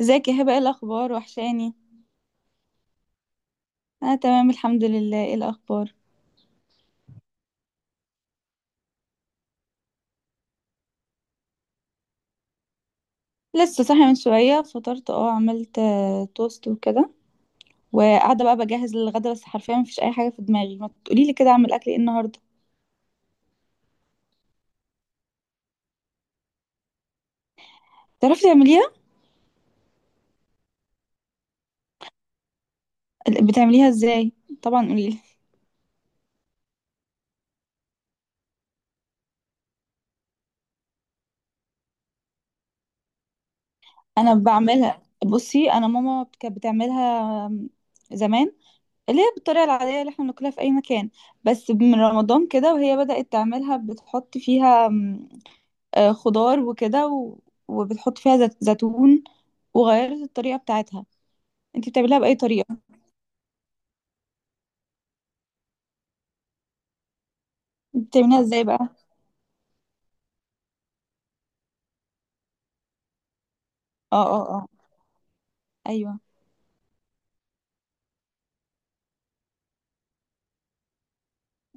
ازيك يا هبه؟ ايه الاخبار؟ وحشاني. انا تمام الحمد لله. ايه الاخبار؟ لسه صاحيه من شويه. فطرت، عملت توست وكده. وقاعده بقى بجهز للغدا، بس حرفيا مفيش اي حاجه في دماغي. ما تقولي لي كده، اعمل اكل ايه النهارده؟ تعرفي تعمليها؟ بتعمليها ازاي؟ طبعا قولي لي. انا بعملها. بصي، انا ماما كانت بتعملها آم، زمان، اللي هي بالطريقه العاديه اللي احنا بناكلها في اي مكان. بس من رمضان كده وهي بدأت تعملها، بتحط فيها خضار وكده و... وبتحط فيها زيتون، وغيرت الطريقة بتاعتها. انتي بتعمليها بأي طريقة؟ بتعمليها ازاي بقى؟ اه، اه، اه. ايوه.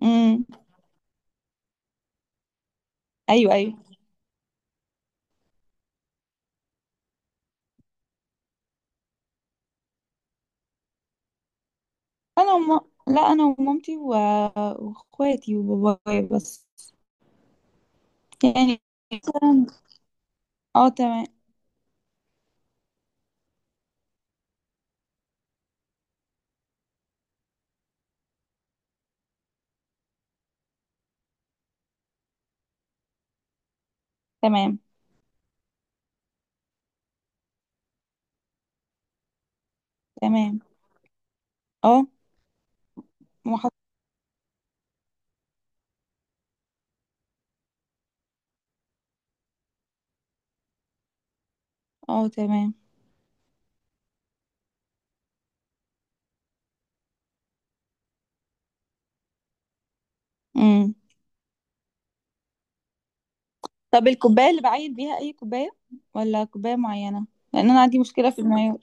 امم. ايوه، ايوه. انا وم... لا، انا ومامتي واخواتي وبابايا بس. يعني مثلا. اه، تمام. تمام، تمام. اه، محط. اه، تمام. امم. طب الكوباية اللي بعين بيها اي كوباية ولا كوباية معينة؟ لان انا عندي مشكلة في المايو.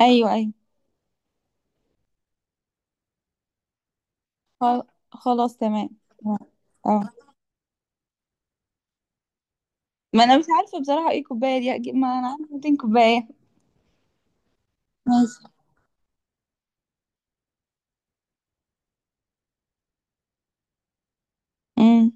ايوه، ايوه. خل- خلاص تمام. اه، آه. ما انا مش عارفه بصراحه ايه كوبايه دي اجيب، ما انا عندي 200 كوبايه. ماشي. امم.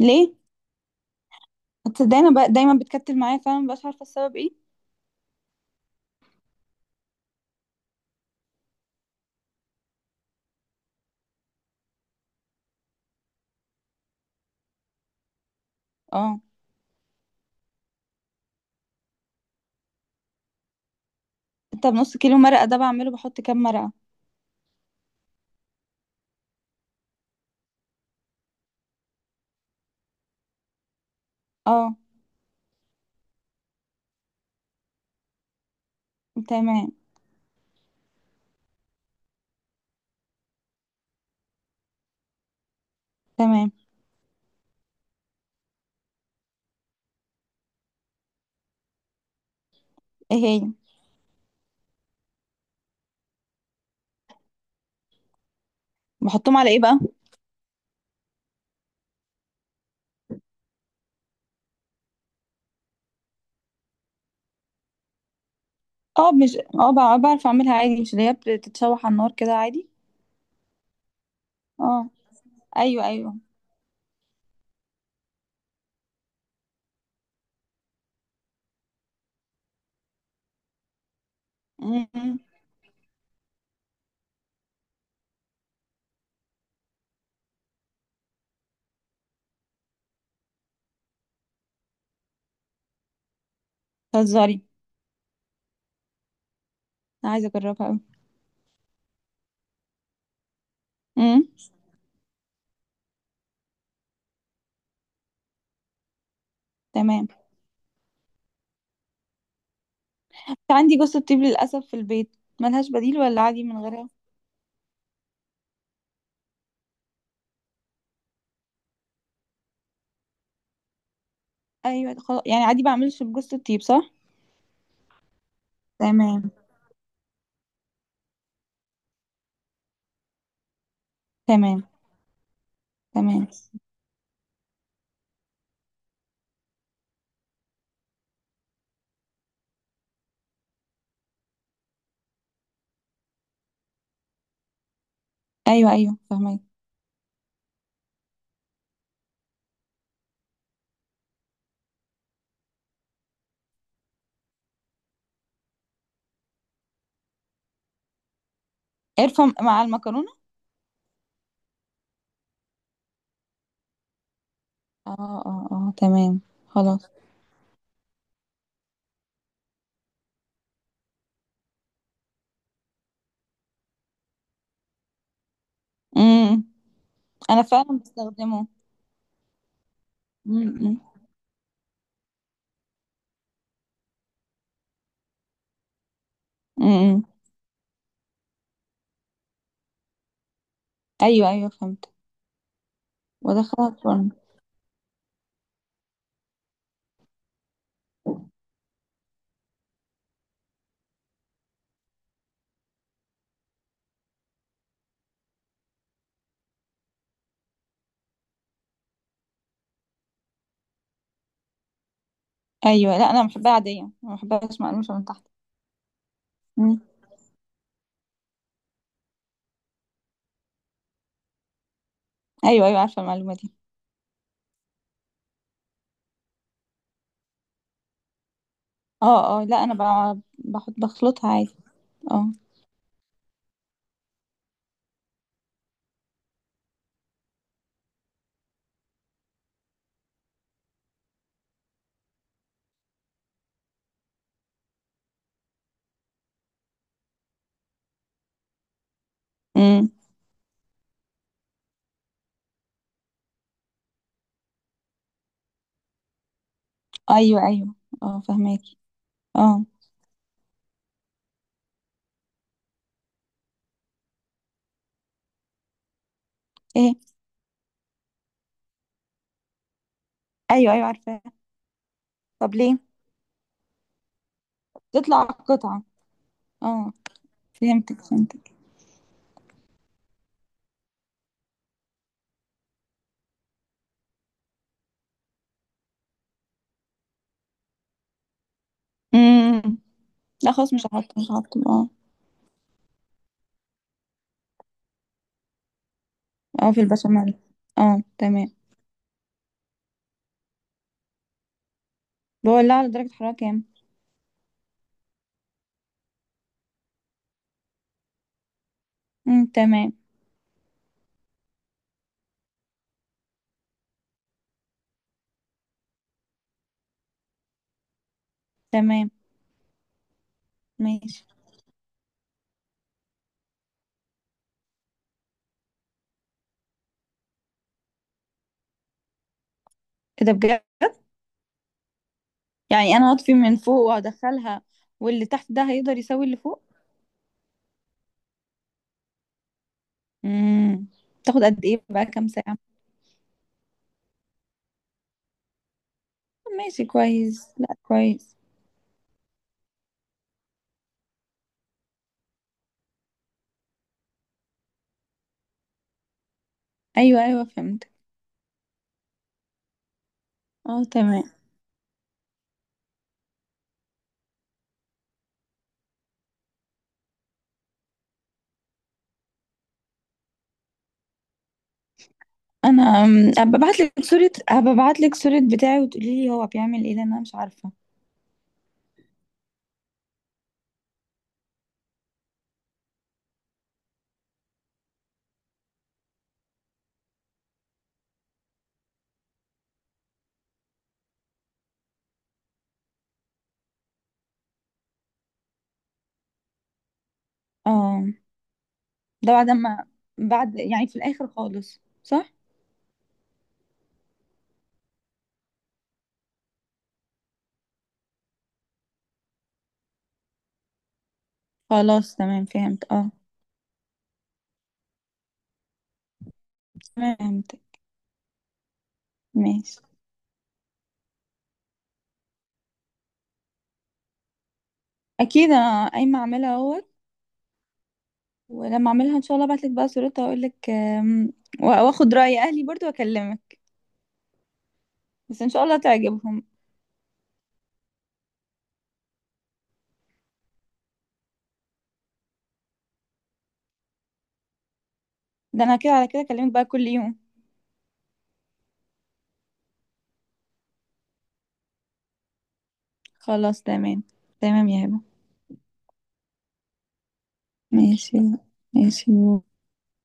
ليه؟ تصدق، انا بقى دايما بتكتل معايا فعلا، مبقاش عارفه السبب ايه. اه. طب نص كيلو مرقه ده بعمله، بحط كام مرقه؟ اه، تمام. تمام. ايه هي؟ بحطهم على ايه بقى؟ اه مش اه بقى- بعرف اعملها عادي، مش اللي هي بتتشوح على النار كده عادي. اه. ايوه، ايوه. امم. تهزري؟ انا عايزه اجربها قوي. امم. تمام. عندي جوز الطيب للاسف في البيت. ملهاش بديل، ولا عادي من غيرها؟ ايوه، خلاص يعني عادي. بعملش بجوز الطيب، صح؟ تمام. تمام. تمام. ايوه، ايوه، فهمت. قرفه مع المكرونه؟ اه، اه، اه، تمام. خلاص. امم. انا فعلا بستخدمه. امم، امم. امم، امم. ايوه، ايوه، فهمت. وادخلها الفرن. ايوه، لا، انا بحبها عاديه، ما بحبهاش مقرمشه من تحت. امم. ايوه، ايوه، عارفه المعلومه دي. اه، اه، لا، انا بحط بخلطها عادي. اه. امم. ايوه، ايوه. اه، فهماكي. اه. ايه؟ ايوه، ايوه، عارفه. طب ليه؟ تطلع قطعه. اه، فهمتك، فهمتك. امم. لا، خلاص، مش هحطه مش هحطه، اه. اه، في البشاميل. اه، تمام. بولعه على درجة حرارة كام؟ امم، تمام. تمام. ماشي. ايه ده بجد؟ يعني انا هطفي من فوق وهدخلها، واللي تحت ده هيقدر يساوي اللي فوق؟ امم. تاخد قد ايه بقى، كام ساعة؟ ماشي، كويس. لا، كويس. ايوه، ايوه، فهمت. اه، تمام. انا هبقى ابعت لك صورة بتاعي، وتقولي لي هو بيعمل ايه، لان انا مش عارفة. اه، ده بعد ما بعد يعني في الاخر خالص، صح؟ خلاص، تمام، فهمت، اه. تمام، فهمت. ماشي. اكيد، انا قايمه اعملها اهوت. ولما اعملها ان شاء الله ابعتلك بقى صورتها واقول لك. واخد راي اهلي برضو واكلمك. بس ان شاء الله تعجبهم. ده انا كده على كده اكلمك بقى كل يوم. خلاص، تمام. تمام يا هبه. ماشي، ماشي.